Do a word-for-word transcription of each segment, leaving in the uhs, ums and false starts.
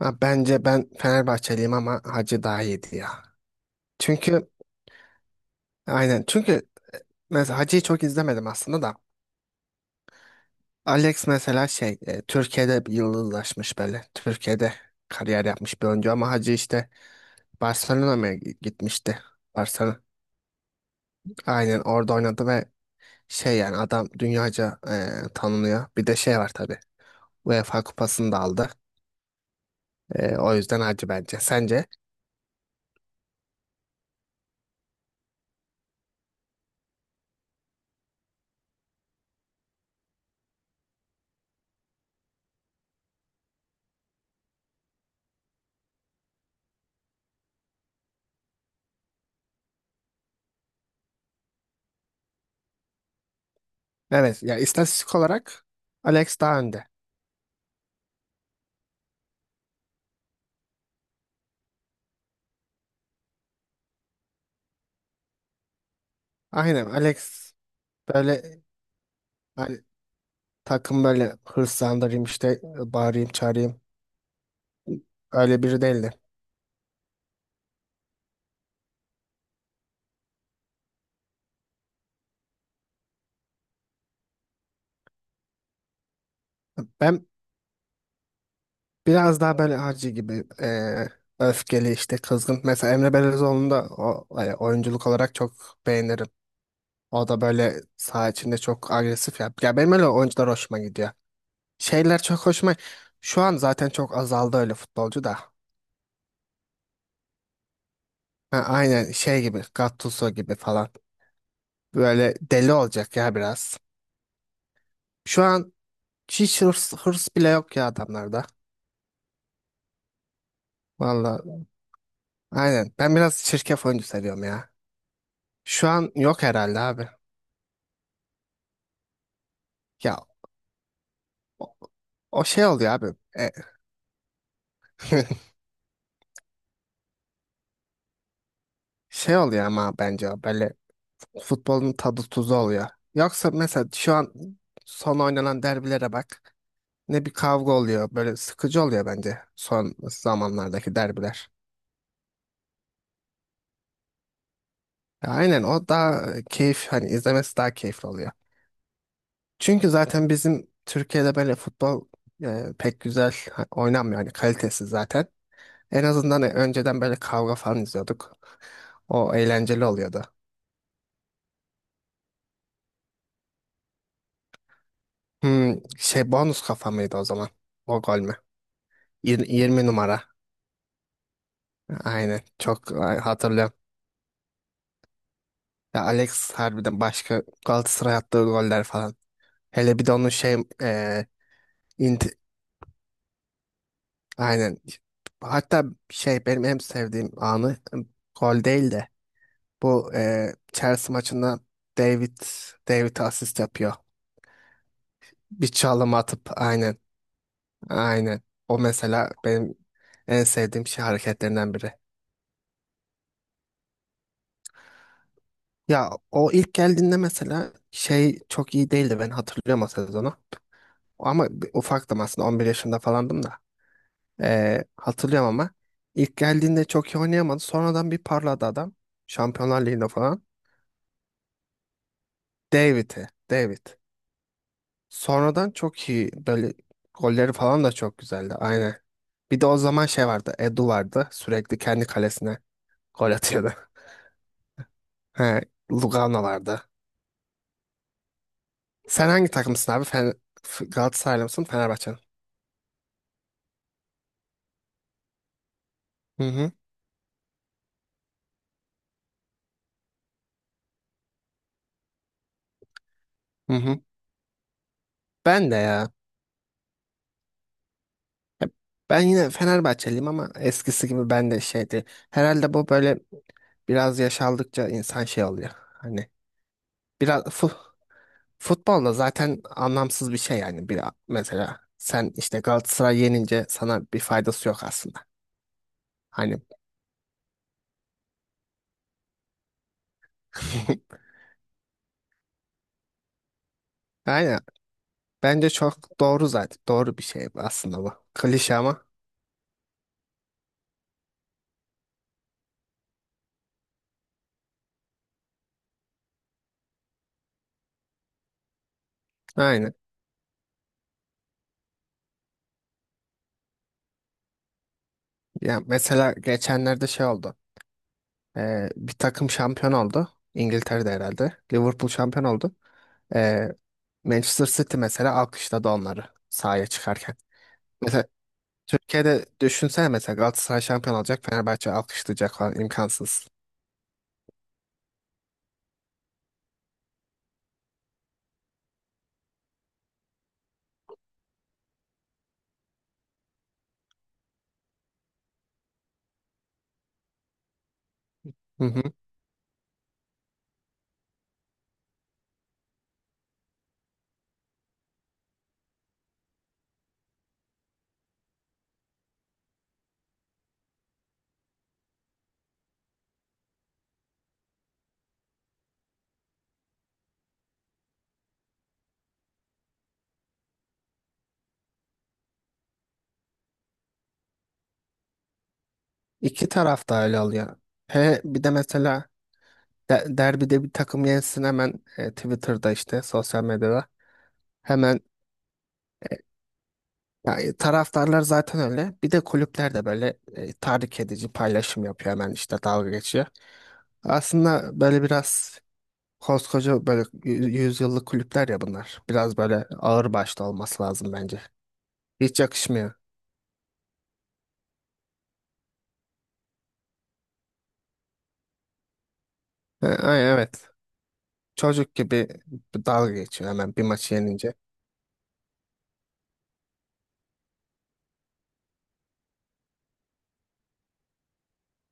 Ha, bence ben Fenerbahçeliyim ama Hacı daha iyiydi ya. Çünkü aynen çünkü mesela Hacı'yı çok izlemedim aslında da. Alex mesela şey e, Türkiye'de bir yıldızlaşmış böyle. Türkiye'de kariyer yapmış bir oyuncu ama Hacı işte Barcelona'ya mı gitmişti. Barcelona. Aynen orada oynadı ve şey yani adam dünyaca e, tanınıyor. Bir de şey var tabii. UEFA kupasını da aldı. E, o yüzden Hacı bence. Sence? Evet ya istatistik olarak Alex daha önde. Aynen Alex. Böyle hani takım böyle hırslandırayım işte bağırayım çağırayım. Öyle biri değildi. Ben biraz daha böyle harcı gibi eee, öfkeli işte kızgın. Mesela Emre Belezoğlu'nu da o, e, oyunculuk olarak çok beğenirim. O da böyle saha içinde çok agresif ya. Ya benim öyle oyuncular hoşuma gidiyor. Şeyler çok hoşuma... Şu an zaten çok azaldı öyle futbolcu da. Ha, aynen şey gibi Gattuso gibi falan. Böyle deli olacak ya biraz. Şu an hiç hırs, hırs bile yok ya adamlarda. Valla aynen ben biraz çirkef oyuncu seviyorum ya. Şu an yok herhalde abi. Ya o şey oluyor abi. E, şey oluyor ama bence o böyle futbolun tadı tuzu oluyor. Yoksa mesela şu an son oynanan derbilere bak. Ne bir kavga oluyor. Böyle sıkıcı oluyor bence son zamanlardaki derbiler. Aynen o daha keyif hani izlemesi daha keyifli oluyor. Çünkü zaten bizim Türkiye'de böyle futbol e, pek güzel ha- oynanmıyor hani kalitesiz zaten. En azından e, önceden böyle kavga falan izliyorduk. O eğlenceli oluyordu. Hmm, şey bonus kafa mıydı o zaman? O gol mü? Yir- yirmi numara. Aynen. Çok e, hatırlıyorum. Ya Alex harbiden başka Galatasaray attığı goller falan. Hele bir de onun şey, e, aynen. Hatta şey benim en sevdiğim anı gol değil de bu e, Chelsea maçında David David asist yapıyor. Bir çalım atıp aynen, aynen. O mesela benim en sevdiğim şey hareketlerinden biri. Ya o ilk geldiğinde mesela şey çok iyi değildi ben hatırlıyorum o sezonu. Ama bir- ufaktım aslında on bir yaşında falandım da. E, hatırlıyorum ama ilk geldiğinde çok iyi oynayamadı. Sonradan bir parladı adam. Şampiyonlar Ligi'nde falan. David'i. David. Sonradan çok iyi böyle golleri falan da çok güzeldi. Aynen. Bir de o zaman şey vardı. Edu vardı. Sürekli kendi kalesine gol atıyordu. He, Lugano vardı. Sen hangi takımsın abi? Fen F- Galatasaraylı mısın? Fenerbahçe'nin. Mi? Hı hı. Hı hı. Ben de ya. Hep- Ben yine Fenerbahçeliyim ama eskisi gibi ben de şeydi. Herhalde bu böyle biraz yaş aldıkça insan şey oluyor. Hani biraz fu- futbolda zaten anlamsız bir şey yani bir mesela sen işte Galatasaray yenince sana bir faydası yok aslında. Hani aynen bence çok doğru zaten doğru bir şey aslında bu klişe ama aynen. Ya mesela geçenlerde şey oldu. Ee, bir takım şampiyon oldu İngiltere'de herhalde. Liverpool şampiyon oldu. Ee, Manchester City mesela alkışladı onları sahaya çıkarken. Mesela Türkiye'de düşünsene mesela Galatasaray şampiyon olacak Fenerbahçe alkışlayacak falan imkansız. Hı hı. İki taraf da öyle oluyor. He, bir de mesela de- derbide bir takım yensin hemen e, Twitter'da işte sosyal medyada hemen yani taraftarlar zaten öyle. Bir de kulüpler de böyle e, tahrik edici paylaşım yapıyor hemen işte dalga geçiyor. Aslında böyle biraz koskoca böyle yü- yüzyıllık kulüpler ya bunlar. Biraz böyle ağır başlı olması lazım bence. Hiç yakışmıyor. E, ay, evet. Çocuk gibi dalga geçiyor hemen bir maçı yenince.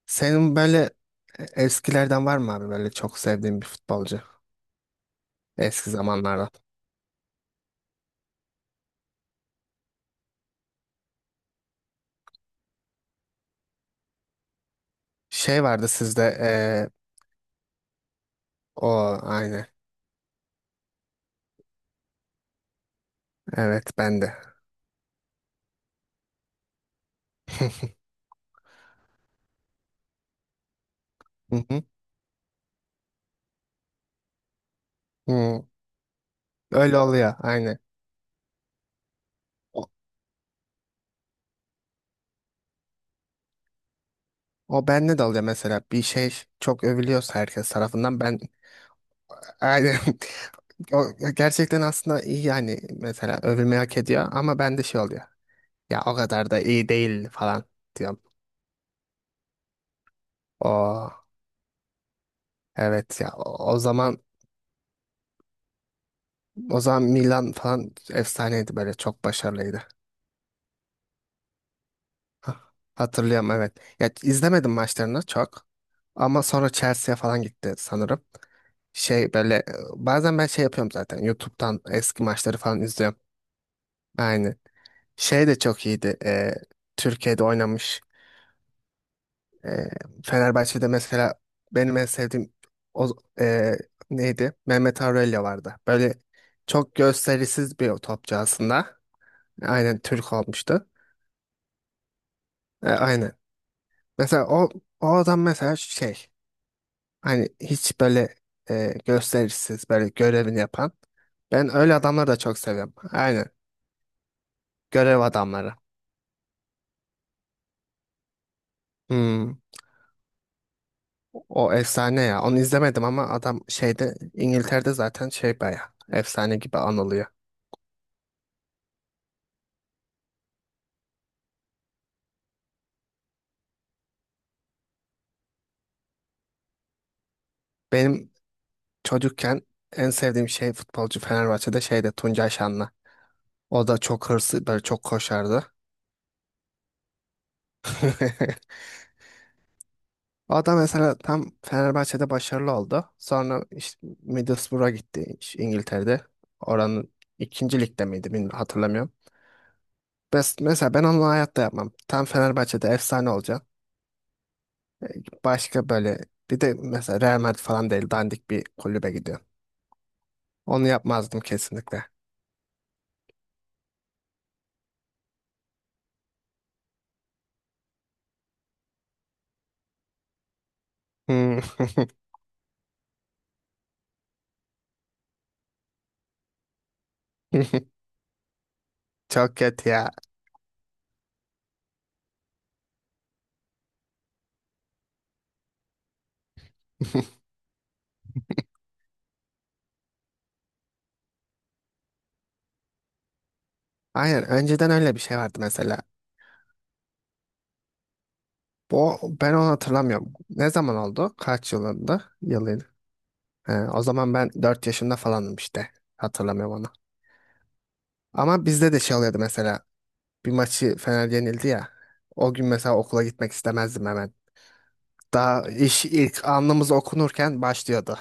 Senin böyle e, eskilerden var mı abi böyle çok sevdiğin bir futbolcu eski zamanlardan? Şey vardı sizde eee, o aynı. Evet ben de. Hı hı. Hı. Öyle oluyor aynı. O, o bende de oluyor mesela bir şey çok övülüyorsa herkes tarafından ben e, aynı. O gerçekten aslında iyi yani mesela övülmeyi hak ediyor ama bende şey oluyor. Ya o kadar da iyi değil falan diyorum. O evet ya, o, o zaman O zaman Milan falan efsaneydi böyle çok başarılıydı. Hah, hatırlıyorum evet. Ya izlemedim maçlarını çok ama sonra Chelsea'ye falan gitti sanırım. Şey böyle e, bazen ben şey yapıyorum zaten YouTube'dan eski maçları falan izliyorum. Aynı. Şey de çok iyiydi. e, Türkiye'de oynamış. E, Fenerbahçe'de mesela benim en sevdiğim o, e, neydi? Mehmet Aurelio vardı. Böyle çok gösterisiz bir topçu aslında. Aynen Türk olmuştu. E, aynen. Mesela o, o adam mesela şey hani hiç böyle e, gösterişsiz böyle görevini yapan. Ben öyle adamları da çok seviyorum. Aynen görev adamları. Hmm. O efsane ya. Onu izlemedim ama adam şeyde İngiltere'de zaten şey baya efsane gibi anılıyor. Benim çocukken en sevdiğim şey futbolcu Fenerbahçe'de şeyde Tuncay Şanlı. O da çok hırslı, böyle çok koşardı. O da mesela tam Fenerbahçe'de başarılı oldu. Sonra işte Middlesbrough'a gitti işte İngiltere'de. Oranın ikinci ligde miydi bilmiyorum, hatırlamıyorum. Bes- mesela ben onu hayatta yapmam. Tam Fenerbahçe'de efsane olacaksın. Başka böyle bir de mesela Real Madrid falan değil dandik bir kulübe gidiyorsun. Onu yapmazdım kesinlikle. Hmm. Çok kötü ya. Aynen önceden öyle bir şey vardı mesela. Bu, ben onu hatırlamıyorum. Ne zaman oldu? Kaç yılında? Yılıydı. He, o zaman ben dört yaşında falanım işte. Hatırlamıyorum onu. Ama bizde de şey oluyordu mesela. Bir maçı Fener yenildi ya. O gün mesela okula gitmek istemezdim hemen. Daha iş ilk anımız okunurken başlıyordu.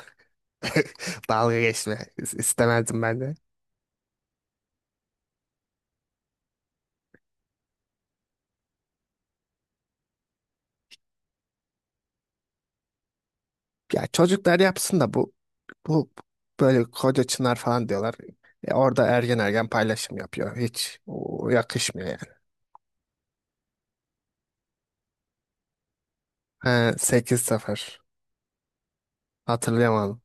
Dalga geçme. İs- istemezdim ben de. Ya çocuklar yapsın da bu bu böyle koca çınar falan diyorlar. E, orada ergen ergen paylaşım yapıyor. Hiç o, yakışmıyor yani. He, sekiz sıfır. Hatırlayamadım.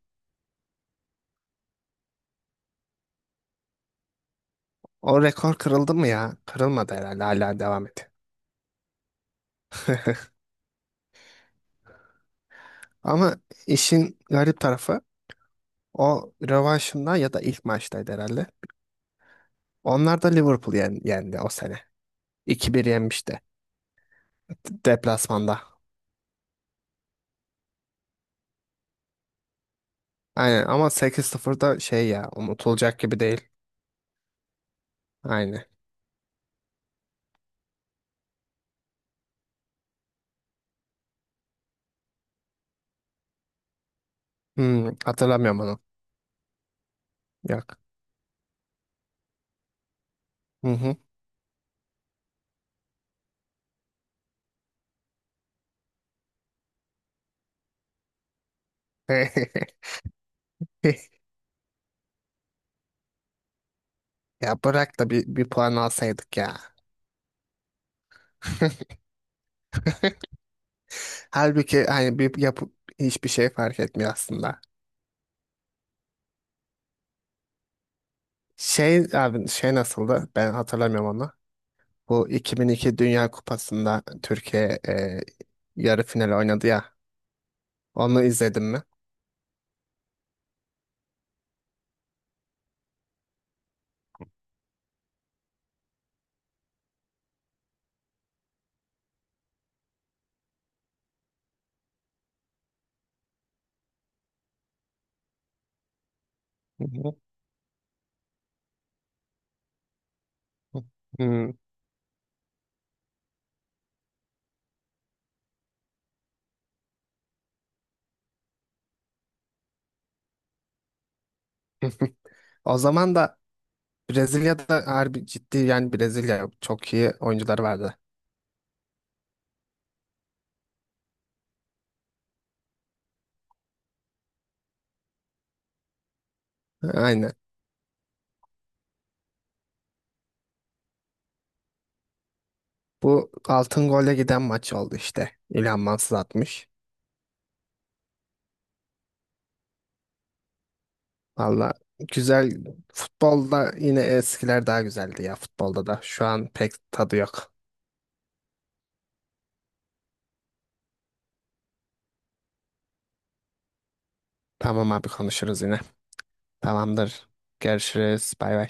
O rekor kırıldı mı ya? Kırılmadı herhalde hala devam ediyor. Ama işin garip tarafı o rövanşında ya da ilk maçtaydı herhalde. Onlar da Liverpool yen- yendi o sene. iki bir yenmişti D- deplasmanda. Aynen ama sekiz sıfırda şey ya unutulacak gibi değil. Aynen. Hmm, hatırlamıyorum onu. Yok. Hı hı. Ya bırak da bir, bir puan alsaydık ya. Halbuki hani bir yapıp hiçbir şey fark etmiyor aslında. Şey abi şey nasıldı? Ben hatırlamıyorum onu. Bu iki bin iki Dünya Kupası'nda Türkiye e, yarı final oynadı ya. Onu izledin mi? Hı hı. Hmm. O zaman da Brezilya'da harbi ciddi yani Brezilya çok iyi oyuncuları vardı. Aynen. Bu altın golle giden maç oldu işte. İlhan Mansız atmış. Valla güzel futbolda yine eskiler daha güzeldi ya futbolda da. Şu an pek tadı yok. Tamam abi konuşuruz yine. Tamamdır. Görüşürüz. Bay bay.